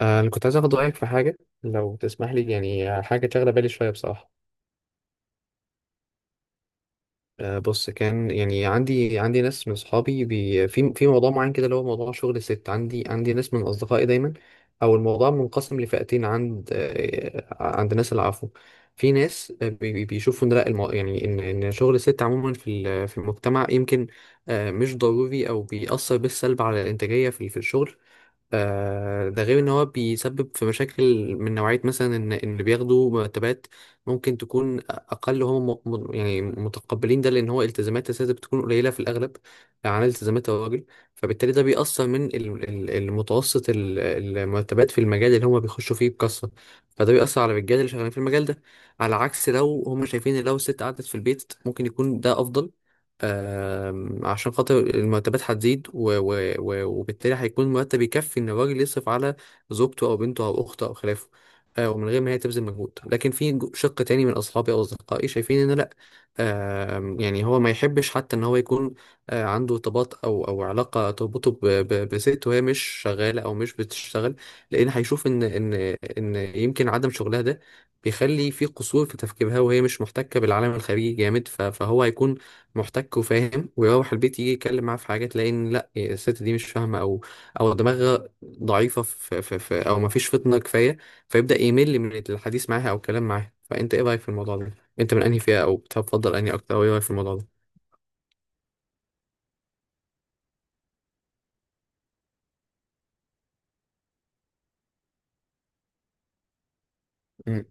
أنا كنت عايز أخد رأيك في حاجة، لو تسمح لي، يعني حاجة شاغلة بالي شوية بصراحة. بص، كان يعني عندي ناس من أصحابي بي في في موضوع معين كده، اللي هو موضوع شغل الست. عندي ناس من أصدقائي دايما، أو الموضوع منقسم لفئتين. عند ناس، العفو، في ناس بيشوفوا إن لا يعني إن شغل الست عموما في المجتمع يمكن مش ضروري، أو بيأثر بالسلب على الإنتاجية في الشغل. ده غير ان هو بيسبب في مشاكل من نوعية، مثلا ان اللي بياخدوا مرتبات ممكن تكون اقل، هم يعني متقبلين ده، لان هو التزامات السياسة بتكون قليلة في الاغلب عن التزامات الراجل. فبالتالي ده بيأثر من المتوسط المرتبات في المجال اللي هم بيخشوا فيه بكثرة، فده بيأثر على الرجاله اللي شغالين في المجال ده. على عكس لو هم شايفين إن لو الست قعدت في البيت ممكن يكون ده افضل، عشان خاطر المرتبات هتزيد وبالتالي هيكون مرتب يكفي ان الراجل يصرف على زوجته او بنته او اخته او خلافه، ومن غير ما هي تبذل مجهود. لكن في شق تاني من اصحابي او اصدقائي شايفين ان لا، يعني هو ما يحبش حتى ان هو يكون عنده ارتباط، او علاقه تربطه بست وهي مش شغاله او مش بتشتغل، لان هيشوف ان يمكن عدم شغلها ده بيخلي في قصور في تفكيرها، وهي مش محتكه بالعالم الخارجي جامد. فهو هيكون محتك وفاهم ويروح البيت، يجي يتكلم معاه في حاجة تلاقي ان لا الست دي مش فاهمة، او او دماغها ضعيفة في في في او ما فيش فطنة كفاية، فيبدأ يمل من الحديث معاها او الكلام معاها. فانت ايه رأيك في الموضوع ده؟ انت من انهي فئة، او بتفضل انهي اكتر، او ايه رأيك في الموضوع ده؟ مم.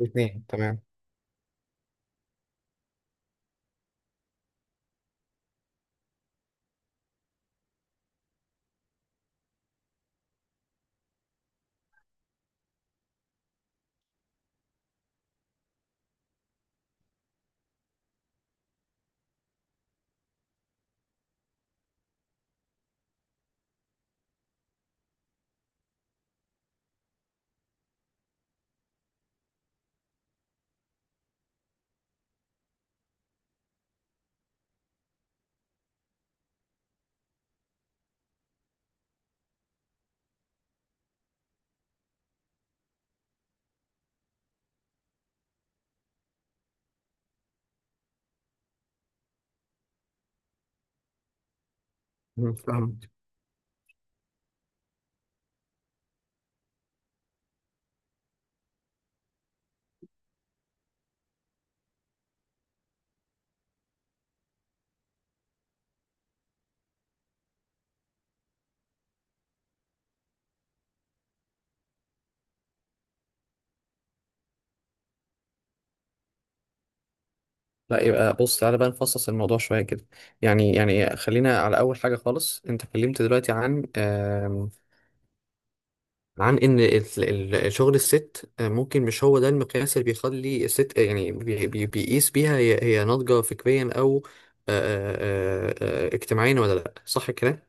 الاثنين تمام. مم، فهمت. لا، يبقى بص تعالى بقى نفصص الموضوع شوية كده. يعني خلينا على أول حاجة خالص. أنت اتكلمت دلوقتي عن ان شغل الست ممكن مش هو ده المقياس اللي بيخلي الست، يعني بيقيس بيها هي ناضجة فكريا، او آه، آه، اجتماعيا، ولا لا، صح كده؟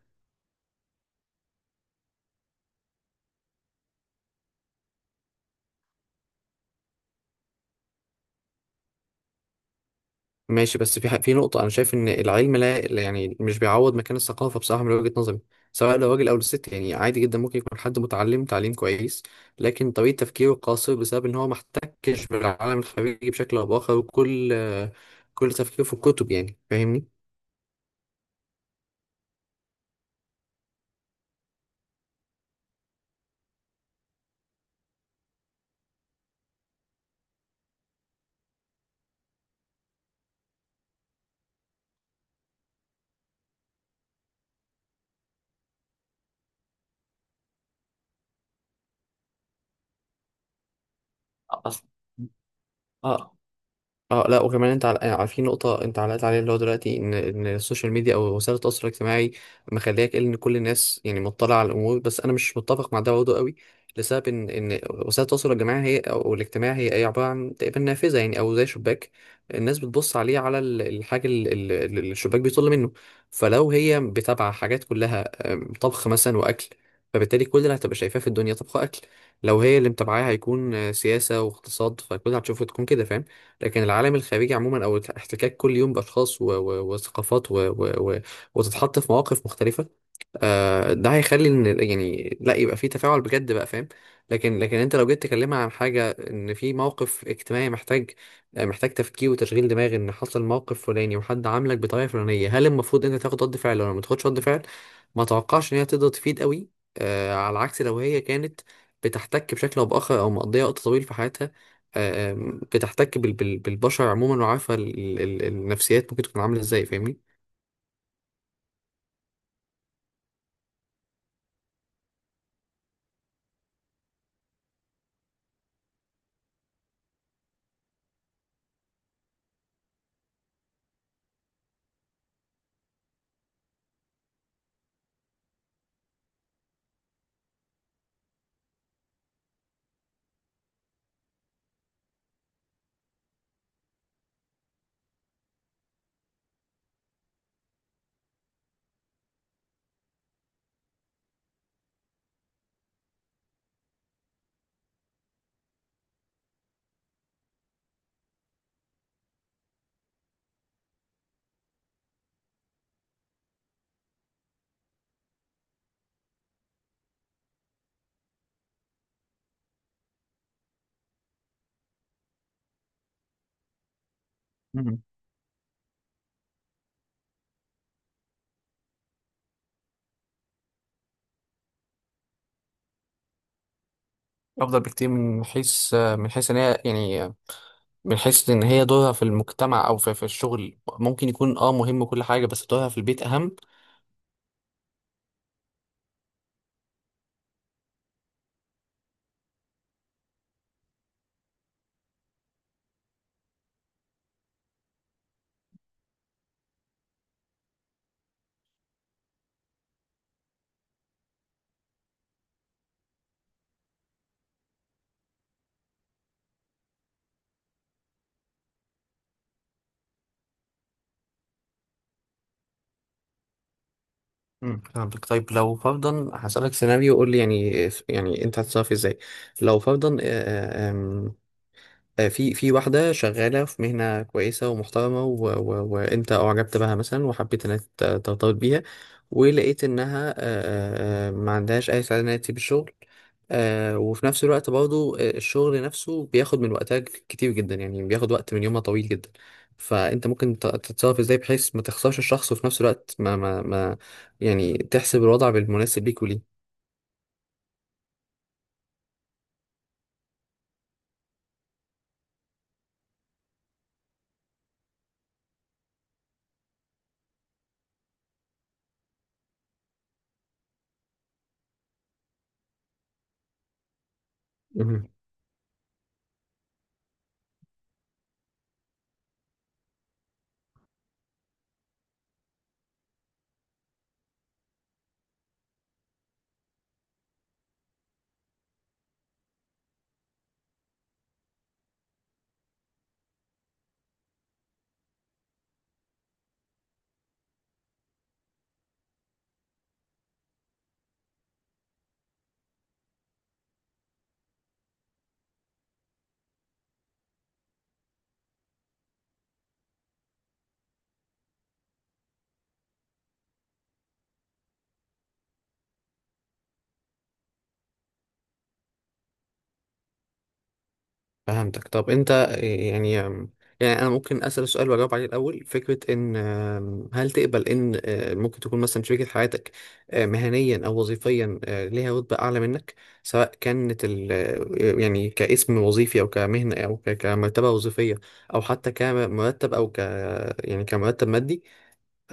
ماشي، بس في في نقطة انا شايف ان العلم، لا يعني مش بيعوض مكان الثقافة بصراحة من وجهة نظري، سواء لو راجل او للست. يعني عادي جدا ممكن يكون حد متعلم تعليم كويس، لكن طريقة تفكيره قاصر بسبب ان هو ما احتكش بالعالم الخارجي بشكل او باخر، وكل كل تفكيره في الكتب، يعني فاهمني. أصلا اه لا، وكمان انت يعني في نقطة انت علقت عليها، اللي هو دلوقتي ان السوشيال ميديا او وسائل التواصل الاجتماعي مخلياك إيه، ان كل الناس يعني مطلعة على الامور. بس انا مش متفق مع ده برضه قوي، لسبب ان وسائل التواصل الجماعي هي، او الاجتماعي، هي عبارة عن تقريبا نافذة، يعني او زي شباك الناس بتبص عليه، على الحاجة اللي الشباك بيطل منه. فلو هي بتابعة حاجات كلها طبخ مثلا واكل، فبالتالي كل اللي هتبقى شايفاه في الدنيا طبخ اكل. لو هي اللي متابعاها هيكون سياسة واقتصاد، فكل اللي هتشوفه تكون كده، فاهم. لكن العالم الخارجي عموما، او الاحتكاك كل يوم باشخاص وثقافات وتتحط في مواقف مختلفه، ده هيخلي ان يعني لا يبقى في تفاعل بجد، بقى فاهم. لكن انت لو جيت تكلمها عن حاجه، ان في موقف اجتماعي محتاج محتاج تفكير وتشغيل دماغ، ان حصل موقف فلاني وحد عاملك بطريقه فلانيه، هل المفروض انت تاخد رد فعل ولا ما تاخدش رد فعل؟ ما توقعش ان هي تقدر تفيد قوي، على عكس لو هي كانت بتحتك بشكل او باخر، او مقضيه وقت طويل في حياتها، آه، آم، بتحتك بالبشر عموما، وعارفه النفسيات ممكن تكون عامله ازاي، فاهمني. افضل بكتير، من حيث من حيث ان هي يعني من حيث ان هي دورها في المجتمع او في الشغل ممكن يكون اه مهم وكل حاجه، بس دورها في البيت اهم. امم، فهمتك. طيب، لو فرضا هسألك سيناريو، قول لي يعني، يعني انت هتتصرف ازاي لو فرضا آه، آم، آه، في واحدة شغالة في مهنة كويسة ومحترمة وأنت أعجبت بها مثلا، وحبيت إنك ترتبط بيها، ولقيت إنها ما عندهاش أي سعادة إنها تسيب الشغل. وفي نفس الوقت برضو الشغل نفسه بياخد من وقتها كتير جدا، يعني بياخد وقت من يومها طويل جدا. فأنت ممكن تتصرف إزاي بحيث ما تخسرش الشخص، وفي نفس الوقت ما يعني تحسب الوضع بالمناسب ليك؟ وليه. فهمتك. طب انت يعني، يعني انا ممكن اسال سؤال واجاوب عليه الاول: فكره ان هل تقبل ان ممكن تكون مثلا شريكه حياتك مهنيا او وظيفيا ليها رتبه اعلى منك، سواء كانت ال آه، يعني كاسم وظيفي او كمهنه، او كمرتبه وظيفيه، او حتى كمرتب، او يعني كمرتب مادي؟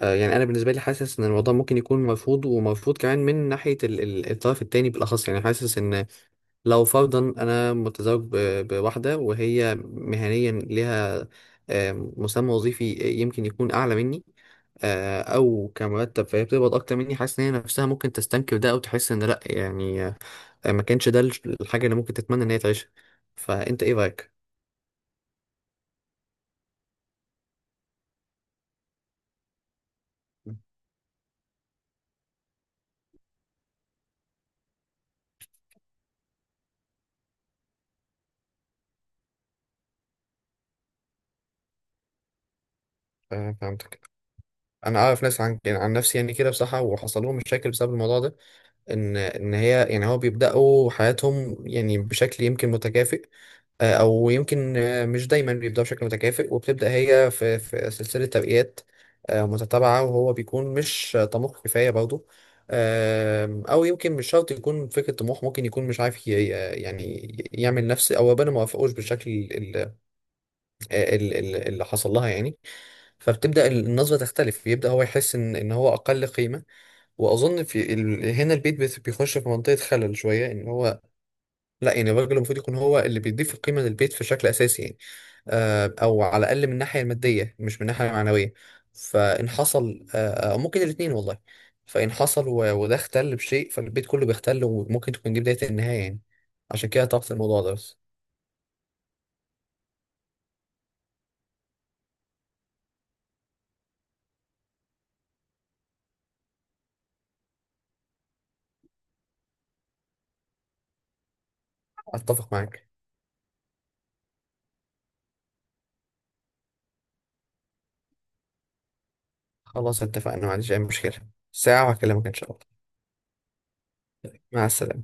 يعني انا بالنسبه لي حاسس ان الموضوع ممكن يكون مرفوض، ومرفوض كمان من ناحيه الطرف التاني بالاخص. يعني حاسس ان لو فرضا انا متزوج بواحده، وهي مهنيا لها مسمى وظيفي يمكن يكون اعلى مني، او كمرتب، فهي بتقبض اكتر مني، حاسس ان هي نفسها ممكن تستنكر ده، او تحس ان لا، يعني ما كانش ده الحاجه اللي ممكن تتمنى ان هي تعيشها. فانت ايه رايك؟ فهمتك. انا اعرف ناس، عن يعني عن نفسي يعني كده بصراحه، وحصل لهم مشاكل بسبب الموضوع ده. ان هي يعني هو بيبداوا حياتهم يعني بشكل يمكن متكافئ، او يمكن مش دايما بيبداوا بشكل متكافئ، وبتبدا هي في سلسله تبقيات متتابعه، وهو بيكون مش طموح كفايه برضه. او يمكن مش شرط يكون فكره طموح، ممكن يكون مش عارف يعني يعمل نفس، او ربنا ما وافقوش بالشكل اللي حصل لها يعني. فبتبدا النظره تختلف، بيبدا هو يحس ان هو اقل قيمه. واظن في هنا البيت بيخش في منطقه خلل شويه، ان هو لا، يعني الراجل المفروض يكون هو اللي بيضيف القيمه للبيت في شكل اساسي يعني، او على الاقل من الناحيه الماديه مش من الناحيه المعنويه. فان حصل او ممكن الاثنين، والله. فان حصل وده اختل بشيء، فالبيت كله بيختل، وممكن تكون دي بدايه النهايه يعني. عشان كده طرحت الموضوع ده، بس. اتفق معاك. خلاص اتفقنا، ما عنديش اي مشكله. ساعه وهكلمك ان شاء الله. مع السلامه.